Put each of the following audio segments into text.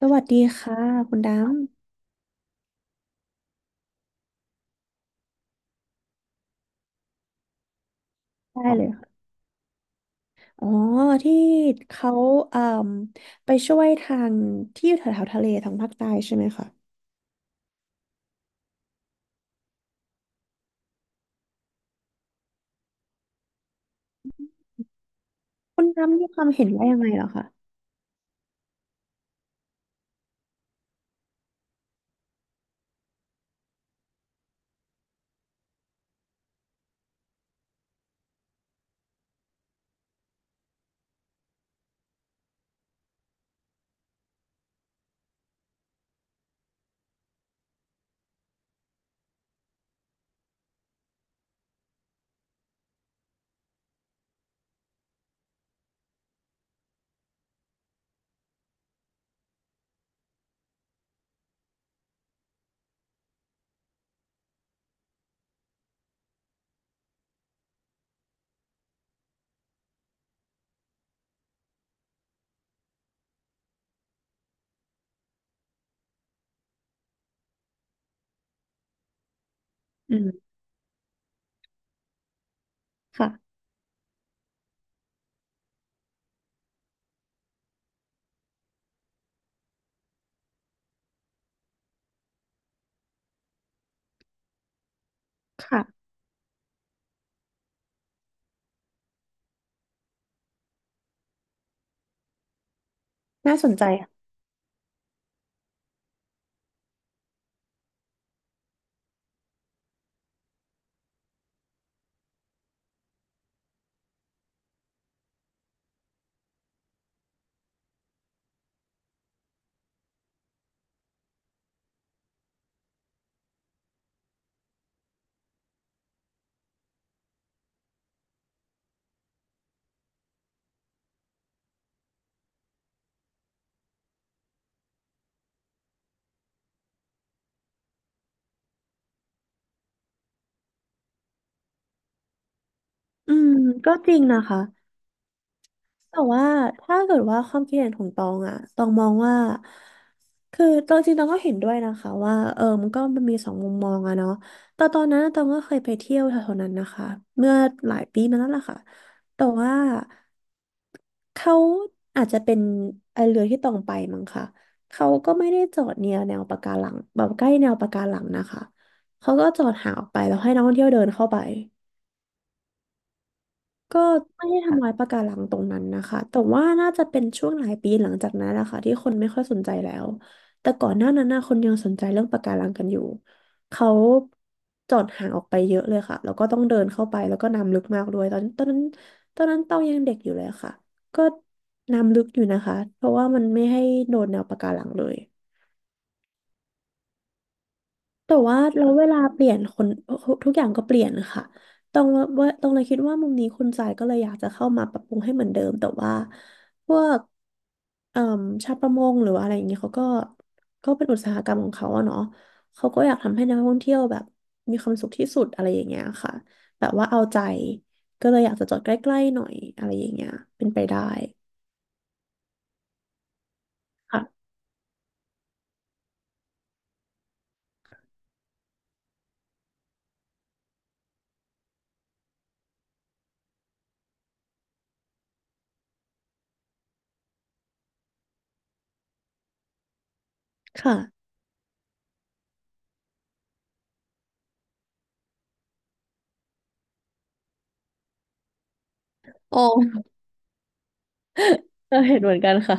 สวัสดีค่ะคุณดำได้เลยค่ะอ๋อที่เขาเอ่มไปช่วยทางที่อยู่แถวๆทะเลทางภาคใต้ใช่ไหมคะคุณดำมีความเห็นว่ายังไงเหรอคะอืมค่ะค่ะน่าสนใจค่ะอืมก็จริงนะคะ แต่ว่าถ้าเกิดว่าความคิดเห็นของตองอะตองมองว่าคือตองจริงตองก็เห็นด้วยนะคะว่าเออมันก็มันมีสองมุมมองอะเนาะแต่ตอนนั้นตองก็เคยไปเที่ยวแถวๆนั้นนะคะเมื่อหลายปีมาแล้วล่ะค่ะแต่ว่าเขาอาจจะเป็นไอเรือที่ตองไปมั้งค่ะเขาก็ไม่ได้จอดเนียแนวปะการังแบบใกล้แนวปะการังนะคะเขาก็จอดห่างออกไปแล้วให้นักท่องเที่ยวเดินเข้าไป ก็ไม่ได้ทำลายปะการังตรงนั้นนะคะแต่ว่าน่าจะเป็นช่วงหลายปีหลังจากนั้นแหละค่ะที่คนไม่ค่อยสนใจแล้ว แต่ก่อนหน้านั้นนะคนยังสนใจเรื่องปะการังกันอยู่เขาจอดห่างออกไปเยอะเลยค่ะแล้วก็ต้องเดินเข้าไปแล้วก็น้ำลึกมากด้วยตอนนั้นตอนนั้นเต้ายังเด็กอยู่เลยค่ะ ก็น้ำลึกอยู่นะคะเพราะว่ามันไม่ให้โดนแนวปะการังเลย แต่ว่าเราเวลาเปลี่ยนคนทุกอย่างก็เปลี่ยนค่ะตรงว่าตรงเลยคิดว่ามุมนี้คุณจ่ายก็เลยอยากจะเข้ามาปรับปรุงให้เหมือนเดิมแต่ว่าพวกเอ่อชาวประมงหรือว่าอะไรอย่างเงี้ยเขาก็ก็เป็นอุตสาหกรรมของเขาอะเนาะเขาก็อยากทำให้นักท่องเที่ยวแบบมีความสุขที่สุดอะไรอย่างเงี้ยค่ะแบบว่าเอาใจก็เลยอยากจะจอดใกล้ๆหน่อยอะไรอย่างเงี้ยเป็นไปได้ค่ะค่ะออเออ เห็นเหมือนกันค่ะ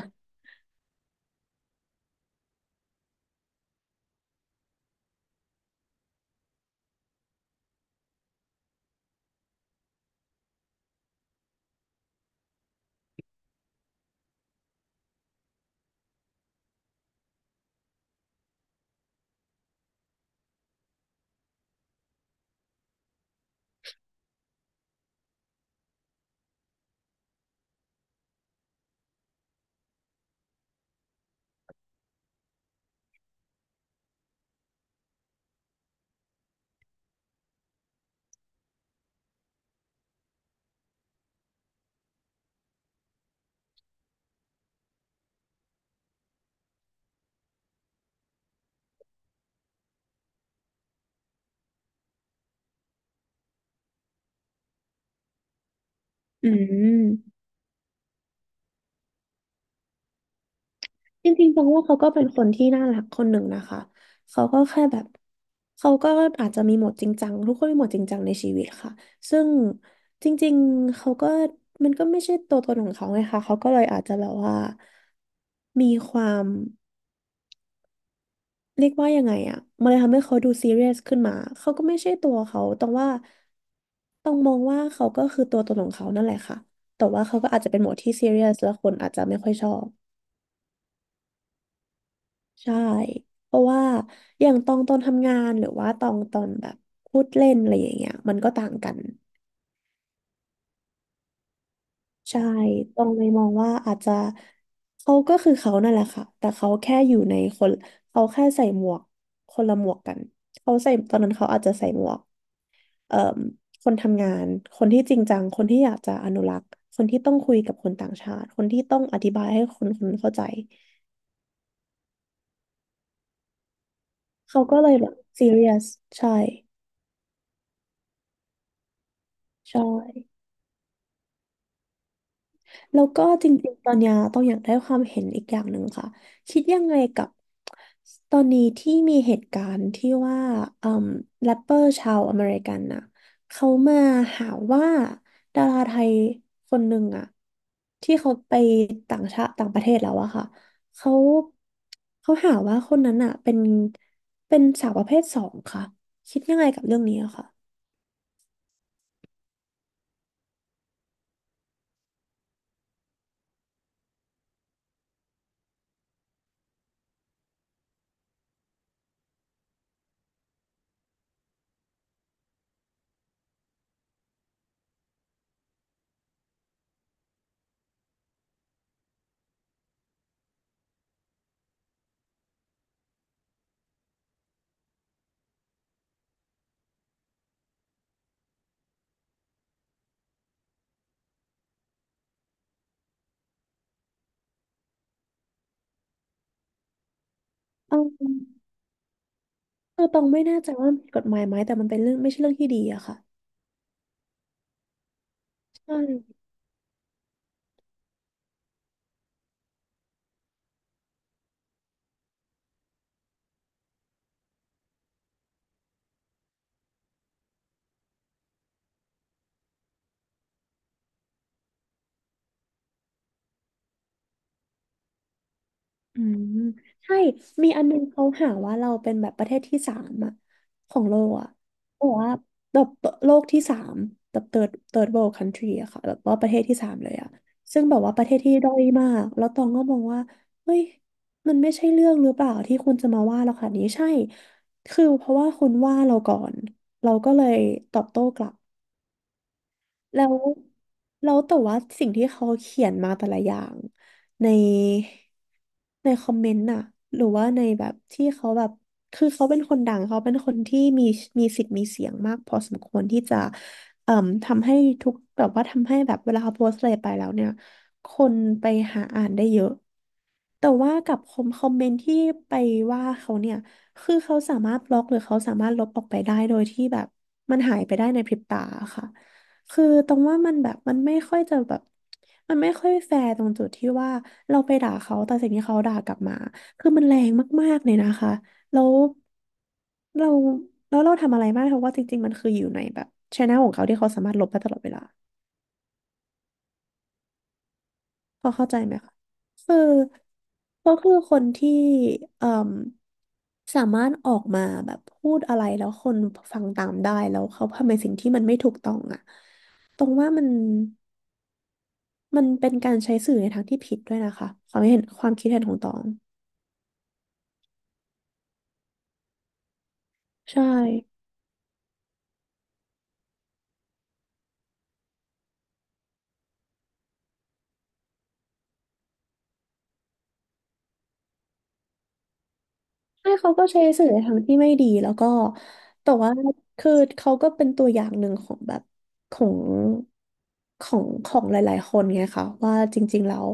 อืม จริงๆตองว่าเขาก็เป็นคนที่น่ารักคนหนึ่งนะคะ เขาก็แค่แบบเขาก็อาจจะมีโหมดจริงจังทุกคนมีโหมดจริงจังในชีวิตค่ะซึ่งจริงๆเขาก็มันก็ไม่ใช่ตัวตนของเขาไงคะเขาก็เลยอาจจะแบบว่ามีความเรียกว่ายังไงอะมันเลยทำให้เขาดูซีเรียสขึ้นมาเขาก็ไม่ใช่ตัวเขาตองว่าต้องมองว่าเขาก็คือตัวตนของเขานั่นแหละค่ะแต่ว่าเขาก็อาจจะเป็นโหมดที่ซีเรียสแล้วคนอาจจะไม่ค่อยชอบ ใช่ เพราะว่าอย่างตองตอนทำงานหรือว่าตองตอนแบบพูดเล่นอะไรอย่างเงี้ยมันก็ต่างกันใช่ตองเลยมองว่าอาจจะเขาก็คือเขานั่นแหละค่ะแต่เขาแค่อยู่ในคนเขาแค่ใส่หมวกคนละหมวกกันเขาใส่ตอนนั้นเขาอาจจะใส่หมวกเอ่มคนทำงานคนที่จริงจังคนที่อยากจะอนุรักษ์คนที่ต้องคุยกับคนต่างชาติคนที่ต้องอธิบายให้คนคนนั้นเข้าใจเขาก็เลยแบบซีเรียสใช่ใช่ แล้วก็จริงๆตอนเนี้ยต้องอยากได้ความเห็นอีกอย่างหนึ่งค่ะคิดยังไงกับตอนนี้ที่มีเหตุการณ์ที่ว่าอืมแรปเปอร์ชาวอเมริกันน่ะเขามาหาว่าดาราไทยคนหนึ่งอะที่เขาไปต่างชาติต่างประเทศแล้วอะค่ะเขาเขาหาว่าคนนั้นอะเป็นเป็นสาวประเภทสองค่ะคิดยังไงกับเรื่องนี้อะค่ะเออคือตองไม่แน่ใจว่ามันผิดกฎหมายไหมแต่มันเป็นเรื่องไม่ใช่เรื่องที่ดีอะค่ะใช่ อืมใช่มีอันนึงเขาหาว่าเราเป็นแบบประเทศที่สามอะของโลกอะบอกว่าแบบโลกที่สามแบบ third world country อะค่ะแบบว่าประเทศที่สามเลยอะซึ่งแบบว่าประเทศที่ด้อยมากแล้วตองก็มองว่าเฮ้ยมันไม่ใช่เรื่องหรือเปล่าที่คุณจะมาว่าเราค่ะนี้ใช่คือเพราะว่าคุณว่าเราก่อนเราก็เลยตอบโต้กลับ แล้วแล้วแต่ว่าสิ่งที่เขาเขียนมาแต่ละอย่างในในคอมเมนต์น่ะหรือว่าในแบบที่เขาแบบคือเขาเป็นคนดังเขาเป็นคนที่มีมีสิทธิ์มีเสียงมากพอสมควรที่จะเอ่อทำให้ทุกแบบว่าทำให้แบบเวลาเขาโพสต์อะไรไปแล้วเนี่ยคนไปหาอ่านได้เยอะ แต่ว่ากับคอมเมนต์ที่ไปว่าเขาเนี่ยคือเขาสามารถบล็อกหรือเขาสามารถลบออกไปได้โดยที่แบบมันหายไปได้ในพริบตาค่ะคือตรงว่ามันแบบมันไม่ค่อยจะแบบมันไม่ค่อยแฟร์ตรงจุดที่ว่าเราไปด่าเขาแต่สิ่งที่เขาด่ากลับมาคือมันแรงมากๆเลยนะคะแล้วเราแล้วเราทำอะไรไม่ได้เพราะว่าจริงๆมันคืออยู่ในแบบช anel ของเขาที่เขาสามารถลบได้ตลอดเวลา พอเข้าใจไหมคะคือเขาคือคนที่เอ่มสามารถออกมาแบบพูดอะไรแล้วคนฟังตามได้แล้วเขาทำในสิ่งที่มันไม่ถูกต้องอ่ะตรงว่ามันเป็นการใช้สื่อในทางที่ผิดด้วยนะคะความเห็นความคิดเห็นของตองใช่ ใช่เขาก็ใช้สื่อในทางที่ไม่ดีแล้วก็แต่ว่าคือเขาก็เป็นตัวอย่างหนึ่งของแบบของของหลายๆคนไงคะว่าจริงๆแล้ว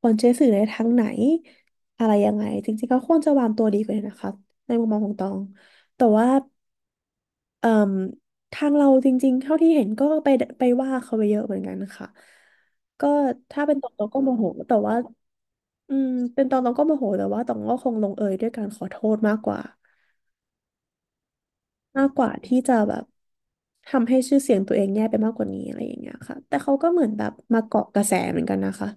ควรใช้สื่อในทางไหนอะไรยังไงจริงๆก็ควรจะวางตัวดีกว่านี้นะคะในมุมมองของตองแต่ว่าเอ่มทางเราจริงๆเท่าที่เห็นก็ไปว่าเขาไปเยอะเหมือนกันนะคะก็ถ้าเป็นตองตองก็โมโหแต่ว่าอืมเป็นตองตองก็โมโหแต่ว่าตองก็คงลงเอยด้วยการขอโทษมากกว่า มากกว่าที่จะแบบทำให้ชื่อเสียงตัวเองแย่ไปมากกว่านี้อะไรอย่างเงี้ยค่ะแต่เขาก็เหมือนแบบมาเกาะกระแสเหมือนกันนะคะ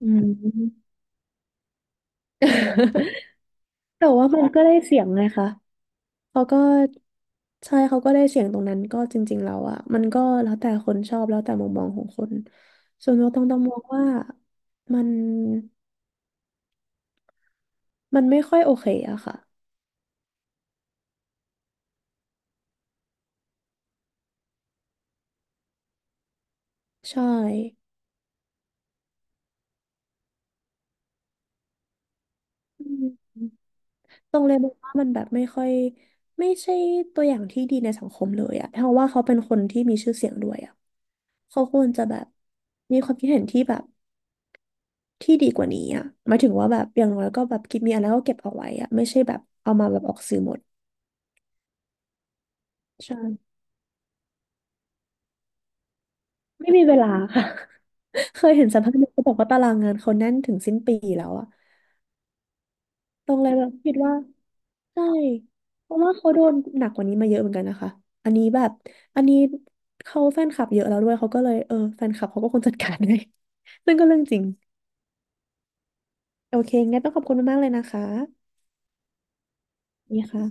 อืม แต่ว่ามันก็ได้เสียงไงคะเขาก็ใช่เขาก็ได้เสียงตรงนั้นก็จริงๆแล้วอะมันก็แล้วแต่คนชอบแล้วแต่มุมมองของคนส่วนตัวต้องมองว่ามันมันไม่ค่อยโอเคอะค่ะใช่อืม ตรงเลยมองว่ามันแบบไม่ค่อยไม่ใช่ตัวอย่างที่ดีในสังคมเลยอะเพราะว่าเขาเป็นคนที่มีชื่อเสียงด้วยอะเขาควรจะแบบมีความคิดเห็นที่แบบที่ดีกว่านี้อะหมายถึงว่าแบบอย่างน้อยก็แบบกิดมีอะไรก็เก็บเอาไว้อะไม่ใช่แบบเอามาแบบออกสื่อหมดใช่ไม่มีเวลาค่ะ เคยเห็นสัมภาษณ์หนึ่งเขาบอกว่าตารางงานเขาแน่นถึงสิ้นปีแล้วอะ ตรงเลยแบบคิดว่าใช่เพราะว่าเขาโดนหนักกว่านี้มาเยอะเหมือนกันนะคะอันนี้แบบอันนี้เขาแฟนคลับเยอะแล้วด้วยเขาก็เลยเออแฟนคลับเขาก็คงจัดการใหย ซึ่งก็เรื่องจริงโอเคงั้นต้องขอบคุณมากๆเลยนะคะนี่ค่ะ